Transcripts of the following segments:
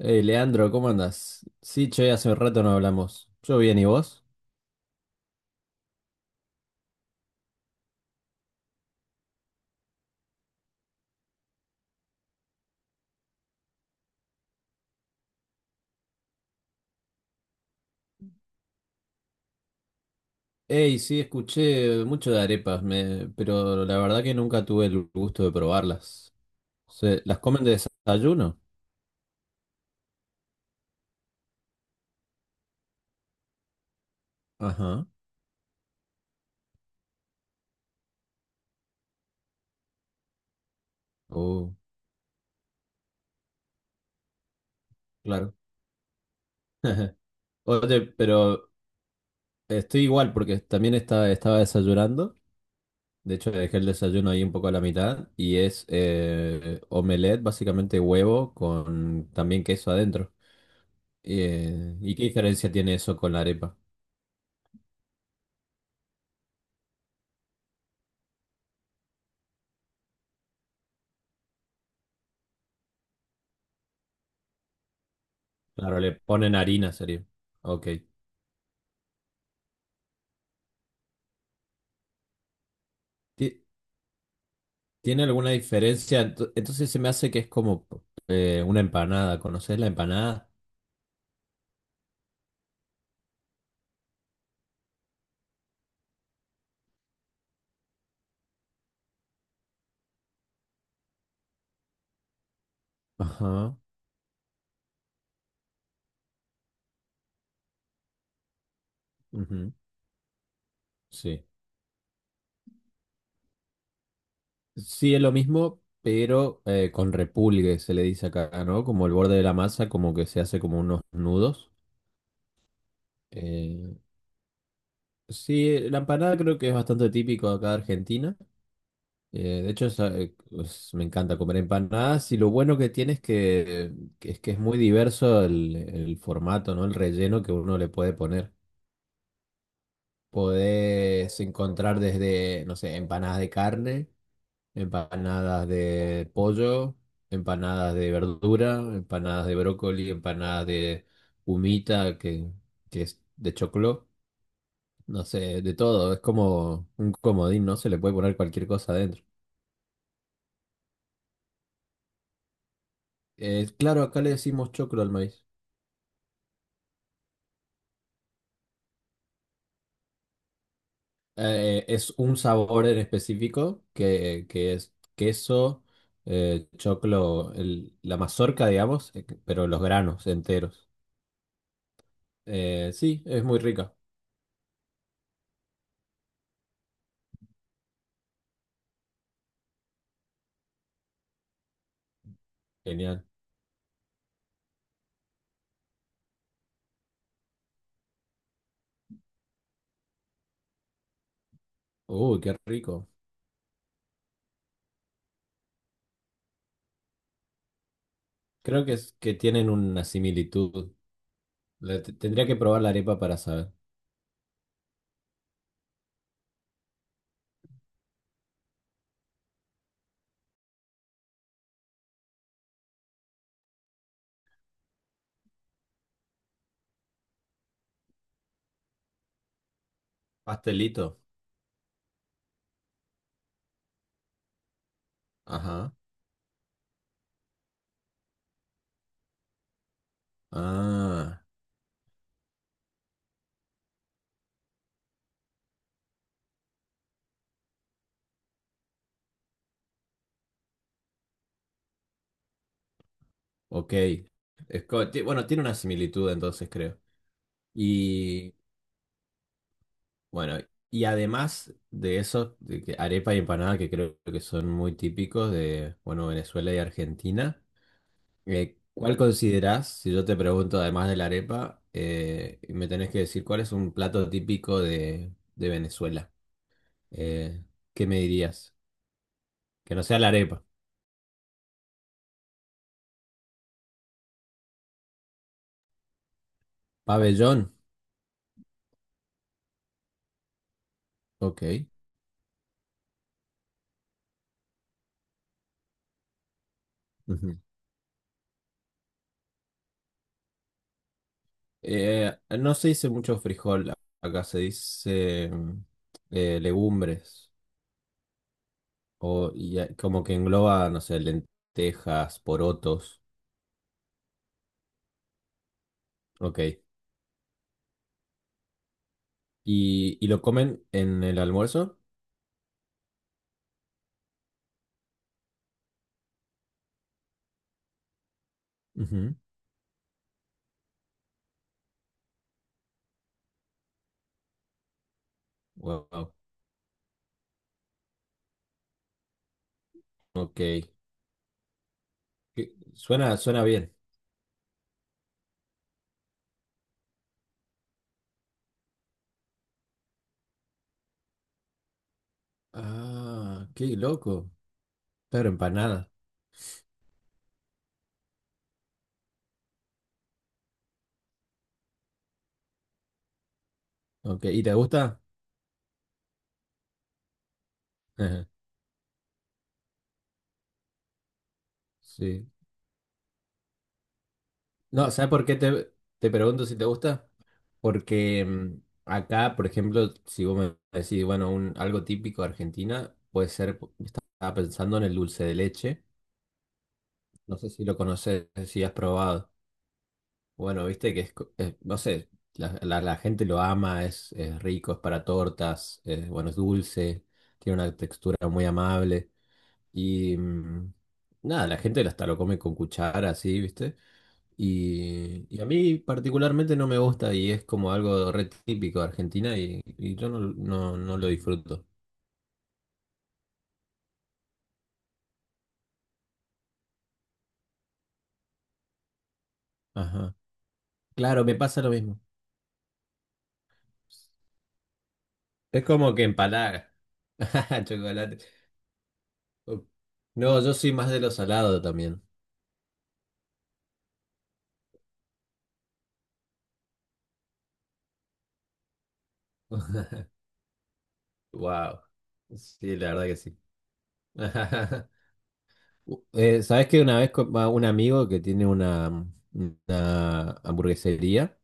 Hey, Leandro, ¿cómo andas? Sí, che, hace un rato no hablamos. Yo bien, ¿y vos? Hey, sí, escuché mucho de arepas, pero la verdad que nunca tuve el gusto de probarlas. ¿Las comen de desayuno? Ajá. Oh, claro. Oye, pero estoy igual porque también estaba desayunando. De hecho, dejé el desayuno ahí un poco a la mitad. Y es omelette, básicamente huevo con también queso adentro. ¿Y qué diferencia tiene eso con la arepa? Claro, le ponen harina, sería. Ok. Ti- ¿Tiene alguna diferencia? Entonces se me hace que es como una empanada. ¿Conoces la empanada? Ajá, ujú, sí. Sí, es lo mismo, pero con repulgue se le dice acá, ¿no? Como el borde de la masa, como que se hace como unos nudos. Eh, sí, la empanada creo que es bastante típico acá de Argentina. De hecho, me encanta comer empanadas y lo bueno que tiene que es muy diverso el formato, ¿no? El relleno que uno le puede poner. Podés encontrar desde, no sé, empanadas de carne, empanadas de pollo, empanadas de verdura, empanadas de brócoli, empanadas de humita, que es de choclo, no sé, de todo. Es como un comodín, ¿no? Se le puede poner cualquier cosa adentro. Claro, acá le decimos choclo al maíz. Es un sabor en específico que es queso, choclo, la mazorca, digamos, pero los granos enteros. Sí, es muy rica. Genial. Uy, qué rico. Creo que tienen una similitud. Tendría que probar la arepa para saber. Pastelito. Ajá. Ah, ok. Bueno, tiene una similitud entonces, creo. Bueno, y además de eso, de que arepa y empanada que creo que son muy típicos de, bueno, Venezuela y Argentina, ¿cuál considerás, si yo te pregunto además de la arepa, y me tenés que decir cuál es un plato típico de Venezuela? Eh, ¿Qué me dirías? Que no sea la arepa. Pabellón, ok. Ujú. No se dice mucho frijol, acá se dice legumbres. O y, como que engloba, no sé, lentejas, porotos. Ok. ¿ Y lo comen en el almuerzo? Ujú. Wow. Ok. Suena, suena bien. Ah, qué loco. Claro, empanada. Ok. ¿Y te gusta? Ajá, sí. No, ¿sabes por qué te pregunto si te gusta? Porque acá, por ejemplo, si vos me decís, bueno, algo típico de Argentina, puede ser, estaba pensando en el dulce de leche. No sé si lo conoces, si has probado. Bueno, viste que no sé, la gente lo ama, es rico, es para tortas, bueno, es dulce, tiene una textura muy amable. Y nada, la gente hasta lo come con cuchara, así, viste. Y a mí particularmente no me gusta y es como algo re típico de Argentina y yo no lo disfruto. Ajá. Claro, me pasa lo mismo. Es como que empalaga. Chocolate. No, yo soy más de lo salado también. Wow. Sí, la verdad que sí. ¿Sabes que una vez va un amigo que tiene una, una hamburguesería,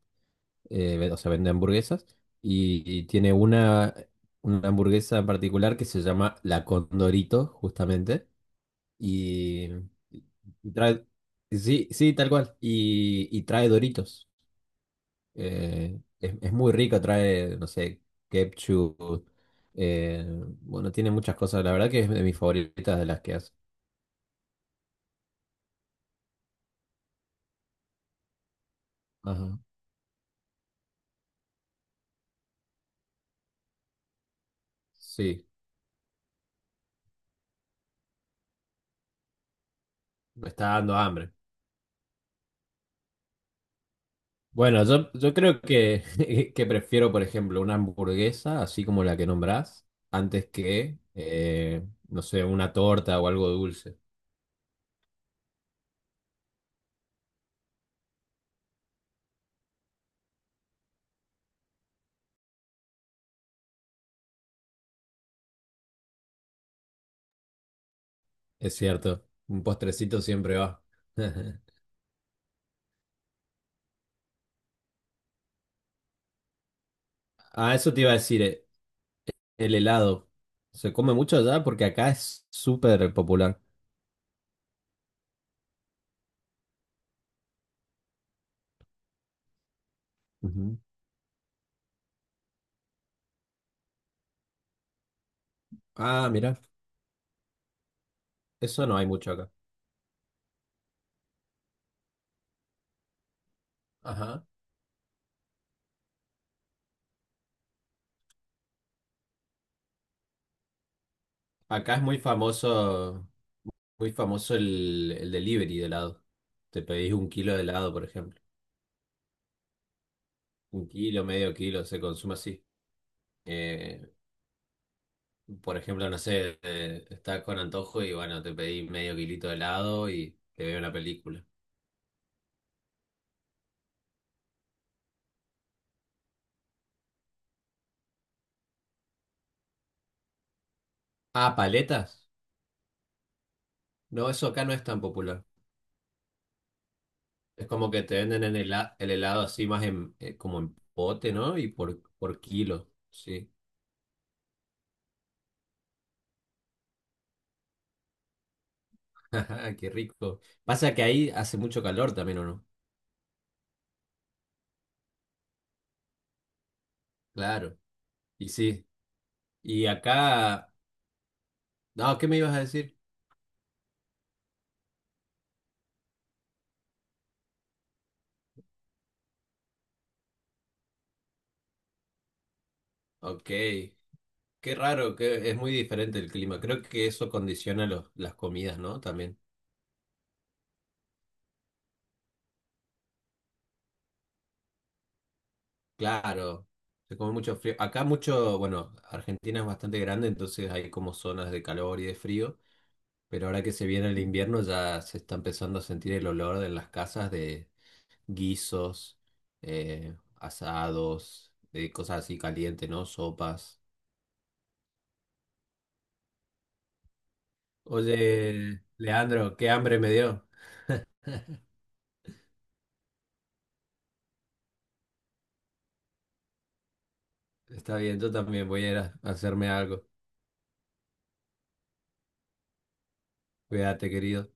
o sea, vende hamburguesas, y tiene una hamburguesa en particular que se llama La Condorito, justamente, y, y trae, sí, sí, tal cual, y trae Doritos. Es muy rico, trae, no sé, ketchup. eh, bueno, tiene muchas cosas. La verdad que es de mis favoritas de las que hace. Ajá. Sí, me está dando hambre. Bueno, yo creo que, que prefiero, por ejemplo, una hamburguesa, así como la que nombrás, antes que, no sé, una torta o algo dulce. Es cierto, un postrecito siempre va. Ah, eso te iba a decir, el helado. ¿Se come mucho allá? Porque acá es súper popular. Ah, mira, eso no hay mucho acá. Ajá. Acá es muy famoso el delivery de helado. Te pedís un kilo de helado, por ejemplo. Un kilo, medio kilo, se consume así. Eh, por ejemplo, no sé, estás con antojo y bueno, te pedís medio kilito de helado y te veo una película. Ah, paletas. No, eso acá no es tan popular. Es como que te venden en el helado así más en, como en pote, ¿no? Por kilo, sí. Ajá, qué rico. Pasa que ahí hace mucho calor también, ¿o no? Claro, y sí. Y acá, no, ¿qué me ibas a decir? Ok, qué raro, que es muy diferente el clima. Creo que eso condiciona las comidas, ¿no? También. Claro, se come mucho frío. Acá mucho, bueno, Argentina es bastante grande, entonces hay como zonas de calor y de frío, pero ahora que se viene el invierno ya se está empezando a sentir el olor de las casas de, guisos, asados, cosas así calientes, ¿no? Sopas. Oye, Leandro, qué hambre me dio. Está bien, yo también voy a ir a hacerme algo. Cuídate, querido.